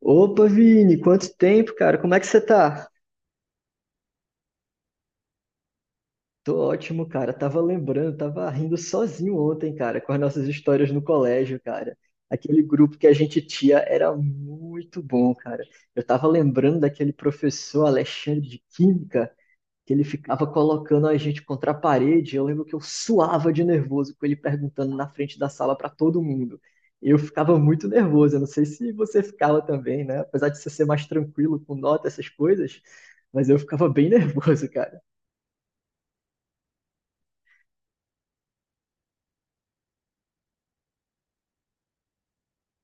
Opa, Vini, quanto tempo, cara? Como é que você tá? Tô ótimo, cara. Tava lembrando, tava rindo sozinho ontem, cara, com as nossas histórias no colégio, cara. Aquele grupo que a gente tinha era muito bom, cara. Eu tava lembrando daquele professor Alexandre de Química. Que ele ficava colocando a gente contra a parede. Eu lembro que eu suava de nervoso com ele perguntando na frente da sala para todo mundo. Eu ficava muito nervoso. Eu não sei se você ficava também, né? Apesar de você ser mais tranquilo com nota, essas coisas, mas eu ficava bem nervoso, cara.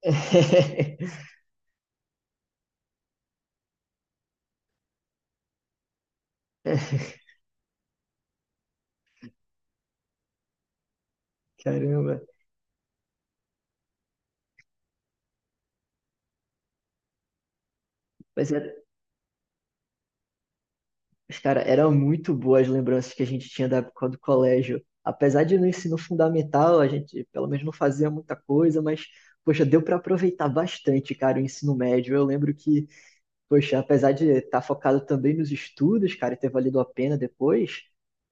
Caramba. Mas, era- mas, cara, eram muito boas as lembranças que a gente tinha da época do colégio. Apesar de no ensino fundamental, a gente pelo menos não fazia muita coisa, mas, poxa, deu para aproveitar bastante, cara, o ensino médio. Eu lembro que poxa, apesar de estar focado também nos estudos, cara, e ter valido a pena depois,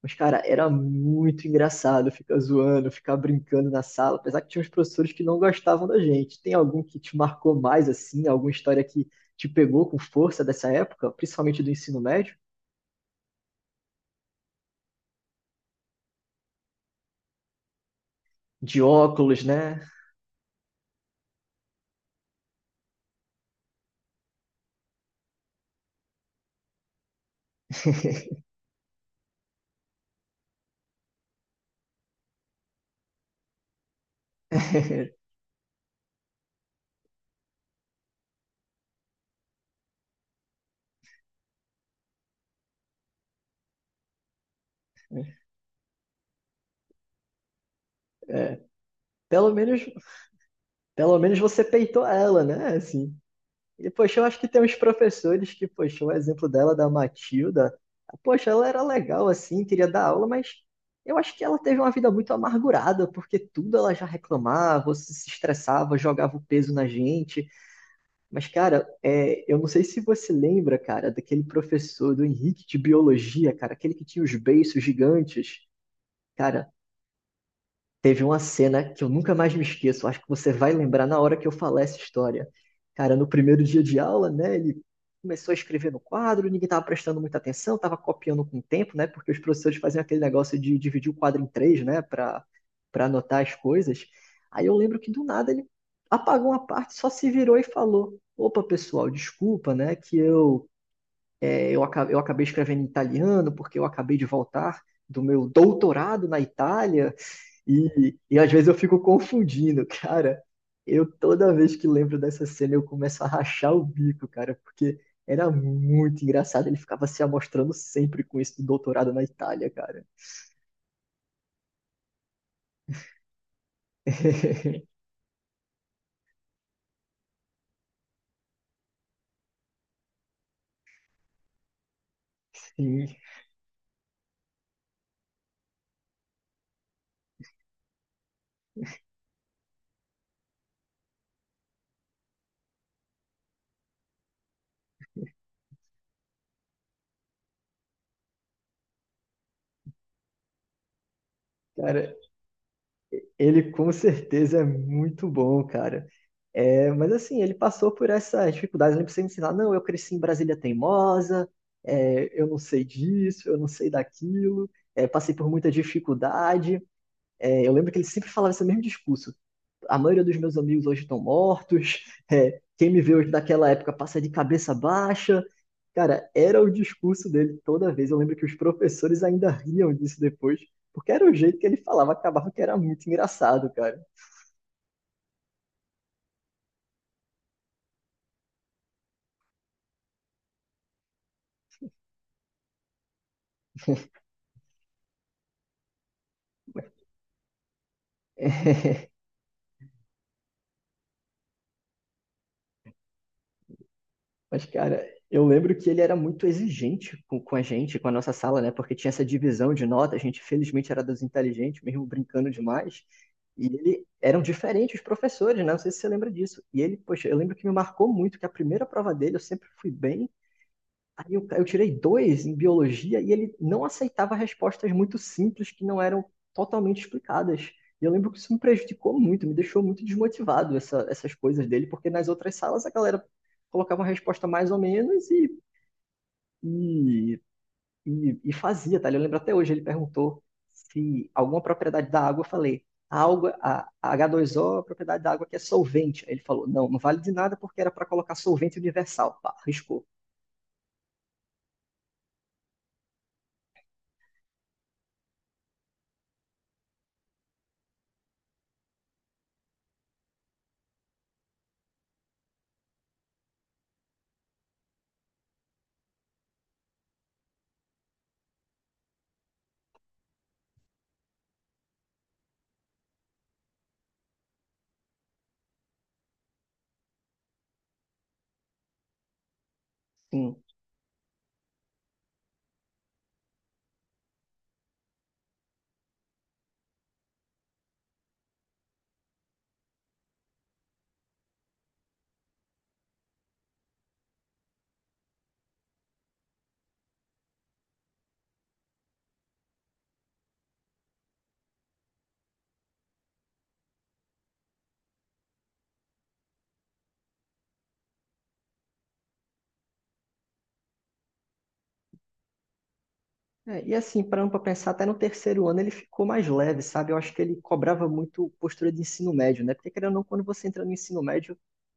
mas, cara, era muito engraçado ficar zoando, ficar brincando na sala, apesar que tinha uns professores que não gostavam da gente. Tem algum que te marcou mais, assim, alguma história que te pegou com força dessa época, principalmente do ensino médio? De óculos, né? É, pelo menos, pelo menos você peitou ela, né? Assim. E, poxa, eu acho que tem uns professores que, poxa, o exemplo dela, da Matilda, poxa, ela era legal assim, queria dar aula, mas eu acho que ela teve uma vida muito amargurada, porque tudo ela já reclamava, ou se estressava, jogava o peso na gente. Mas, cara, é, eu não sei se você lembra, cara, daquele professor do Henrique de Biologia, cara, aquele que tinha os beiços gigantes. Cara, teve uma cena que eu nunca mais me esqueço. Acho que você vai lembrar na hora que eu falar essa história. Cara, no primeiro dia de aula, né? Ele começou a escrever no quadro, ninguém estava prestando muita atenção, estava copiando com o tempo, né? Porque os professores faziam aquele negócio de dividir o quadro em três, né? Para anotar as coisas. Aí eu lembro que do nada ele apagou uma parte, só se virou e falou: Opa, pessoal, desculpa, né? Que eu, é, eu, aca- Eu acabei escrevendo em italiano porque eu acabei de voltar do meu doutorado na Itália. E às vezes eu fico confundindo, cara. Eu toda vez que lembro dessa cena eu começo a rachar o bico, cara, porque era muito engraçado. Ele ficava se amostrando sempre com isso do doutorado na Itália, cara. Sim, cara, ele com certeza é muito bom, cara. É, mas assim, ele passou por essas dificuldades. Ele precisa ensinar, não, eu cresci em Brasília teimosa, é, eu não sei disso, eu não sei daquilo, é, passei por muita dificuldade. É, eu lembro que ele sempre falava esse mesmo discurso. A maioria dos meus amigos hoje estão mortos, é, quem me vê hoje daquela época passa de cabeça baixa. Cara, era o discurso dele toda vez. Eu lembro que os professores ainda riam disso depois, porque era o jeito que ele falava, acabava que era muito engraçado, cara. Mas, cara, eu lembro que ele era muito exigente com a gente, com a nossa sala, né? Porque tinha essa divisão de nota, a gente felizmente era dos inteligentes, mesmo brincando demais. E ele eram diferentes os professores, né? Não sei se você lembra disso. E ele, poxa, eu lembro que me marcou muito que a primeira prova dele eu sempre fui bem. Aí eu tirei dois em biologia e ele não aceitava respostas muito simples que não eram totalmente explicadas. E eu lembro que isso me prejudicou muito, me deixou muito desmotivado essas coisas dele, porque nas outras salas a galera colocava uma resposta mais ou menos e, e fazia, tá? Eu lembro até hoje, ele perguntou se alguma propriedade da água, eu falei, a água, a H2O, é a propriedade da água que é solvente. Aí ele falou, não, não vale de nada porque era para colocar solvente universal. Pá, riscou. É, e assim, parando para pensar, até no terceiro ano ele ficou mais leve, sabe? Eu acho que ele cobrava muito postura de ensino médio, né? Porque querendo ou não, quando você entra no ensino médio,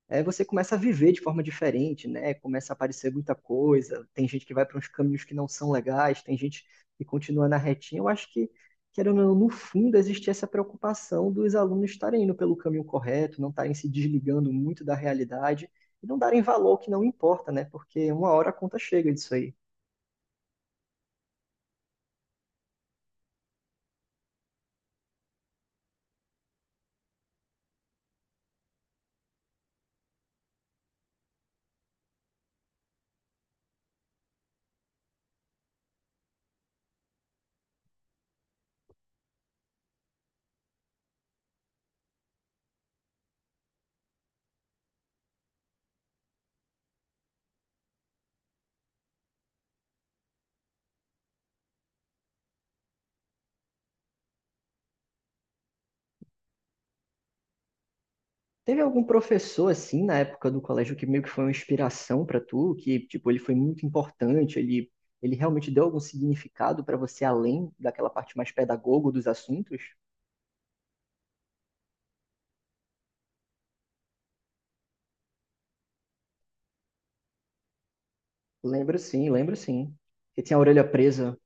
é, você começa a viver de forma diferente, né? Começa a aparecer muita coisa, tem gente que vai para uns caminhos que não são legais, tem gente que continua na retinha. Eu acho que, querendo ou não, no fundo existe essa preocupação dos alunos estarem indo pelo caminho correto, não estarem se desligando muito da realidade e não darem valor ao que não importa, né? Porque uma hora a conta chega disso aí. Teve algum professor assim na época do colégio que meio que foi uma inspiração pra tu, que tipo ele foi muito importante, ele realmente deu algum significado pra você além daquela parte mais pedagogo dos assuntos? Lembro sim, lembro sim. Que tinha a orelha presa.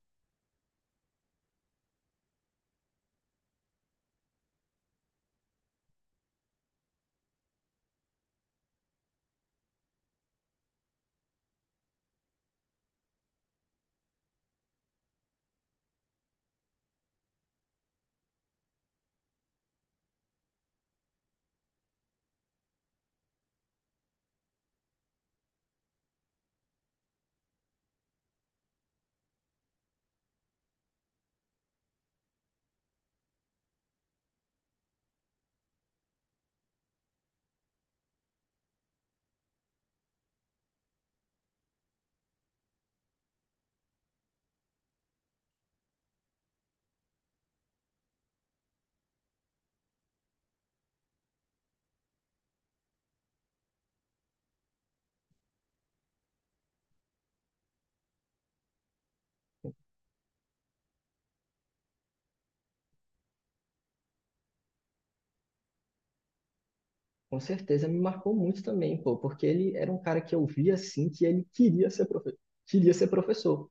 Com certeza me marcou muito também, pô, porque ele era um cara que eu via assim que ele queria ser profe queria ser professor.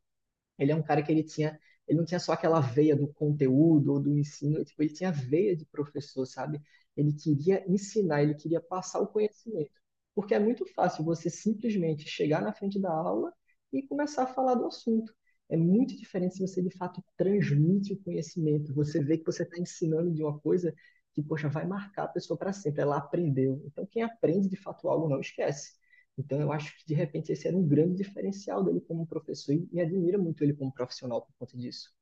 Ele é um cara que ele tinha, ele não tinha só aquela veia do conteúdo ou do ensino, tipo, ele tinha veia de professor, sabe? Ele queria ensinar, ele queria passar o conhecimento. Porque é muito fácil você simplesmente chegar na frente da aula e começar a falar do assunto. É muito diferente se você de fato transmite o conhecimento. Você vê que você está ensinando de uma coisa que, poxa, vai marcar a pessoa para sempre. Ela aprendeu. Então, quem aprende de fato algo não esquece. Então, eu acho que, de repente, esse era um grande diferencial dele como professor e me admira muito ele como profissional por conta disso.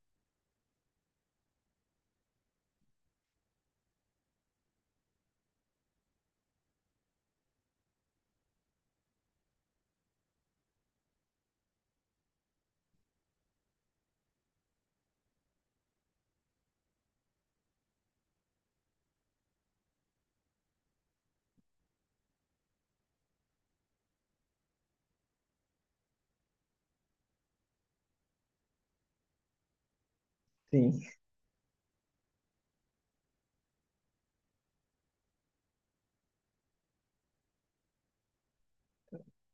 Sim.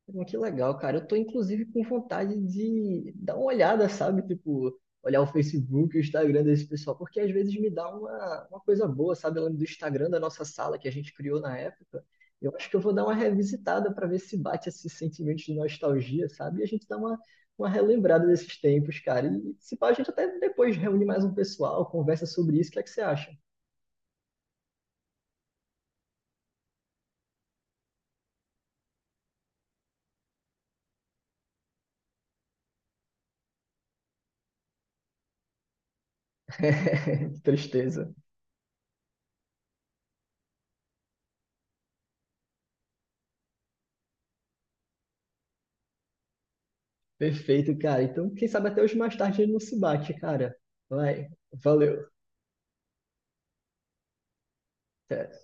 Pô, que legal, cara. Eu tô, inclusive, com vontade de dar uma olhada, sabe? Tipo, olhar o Facebook, o Instagram desse pessoal, porque às vezes me dá uma coisa boa, sabe? Eu lembro do Instagram da nossa sala que a gente criou na época. Eu acho que eu vou dar uma revisitada para ver se bate esse sentimento de nostalgia, sabe? E a gente dá uma relembrada desses tempos, cara. E se pá, a gente até depois reúne mais um pessoal, conversa sobre isso. O que é que você acha? Que tristeza. Perfeito, cara. Então, quem sabe até hoje mais tarde ele não se bate, cara. Vai, valeu. Até.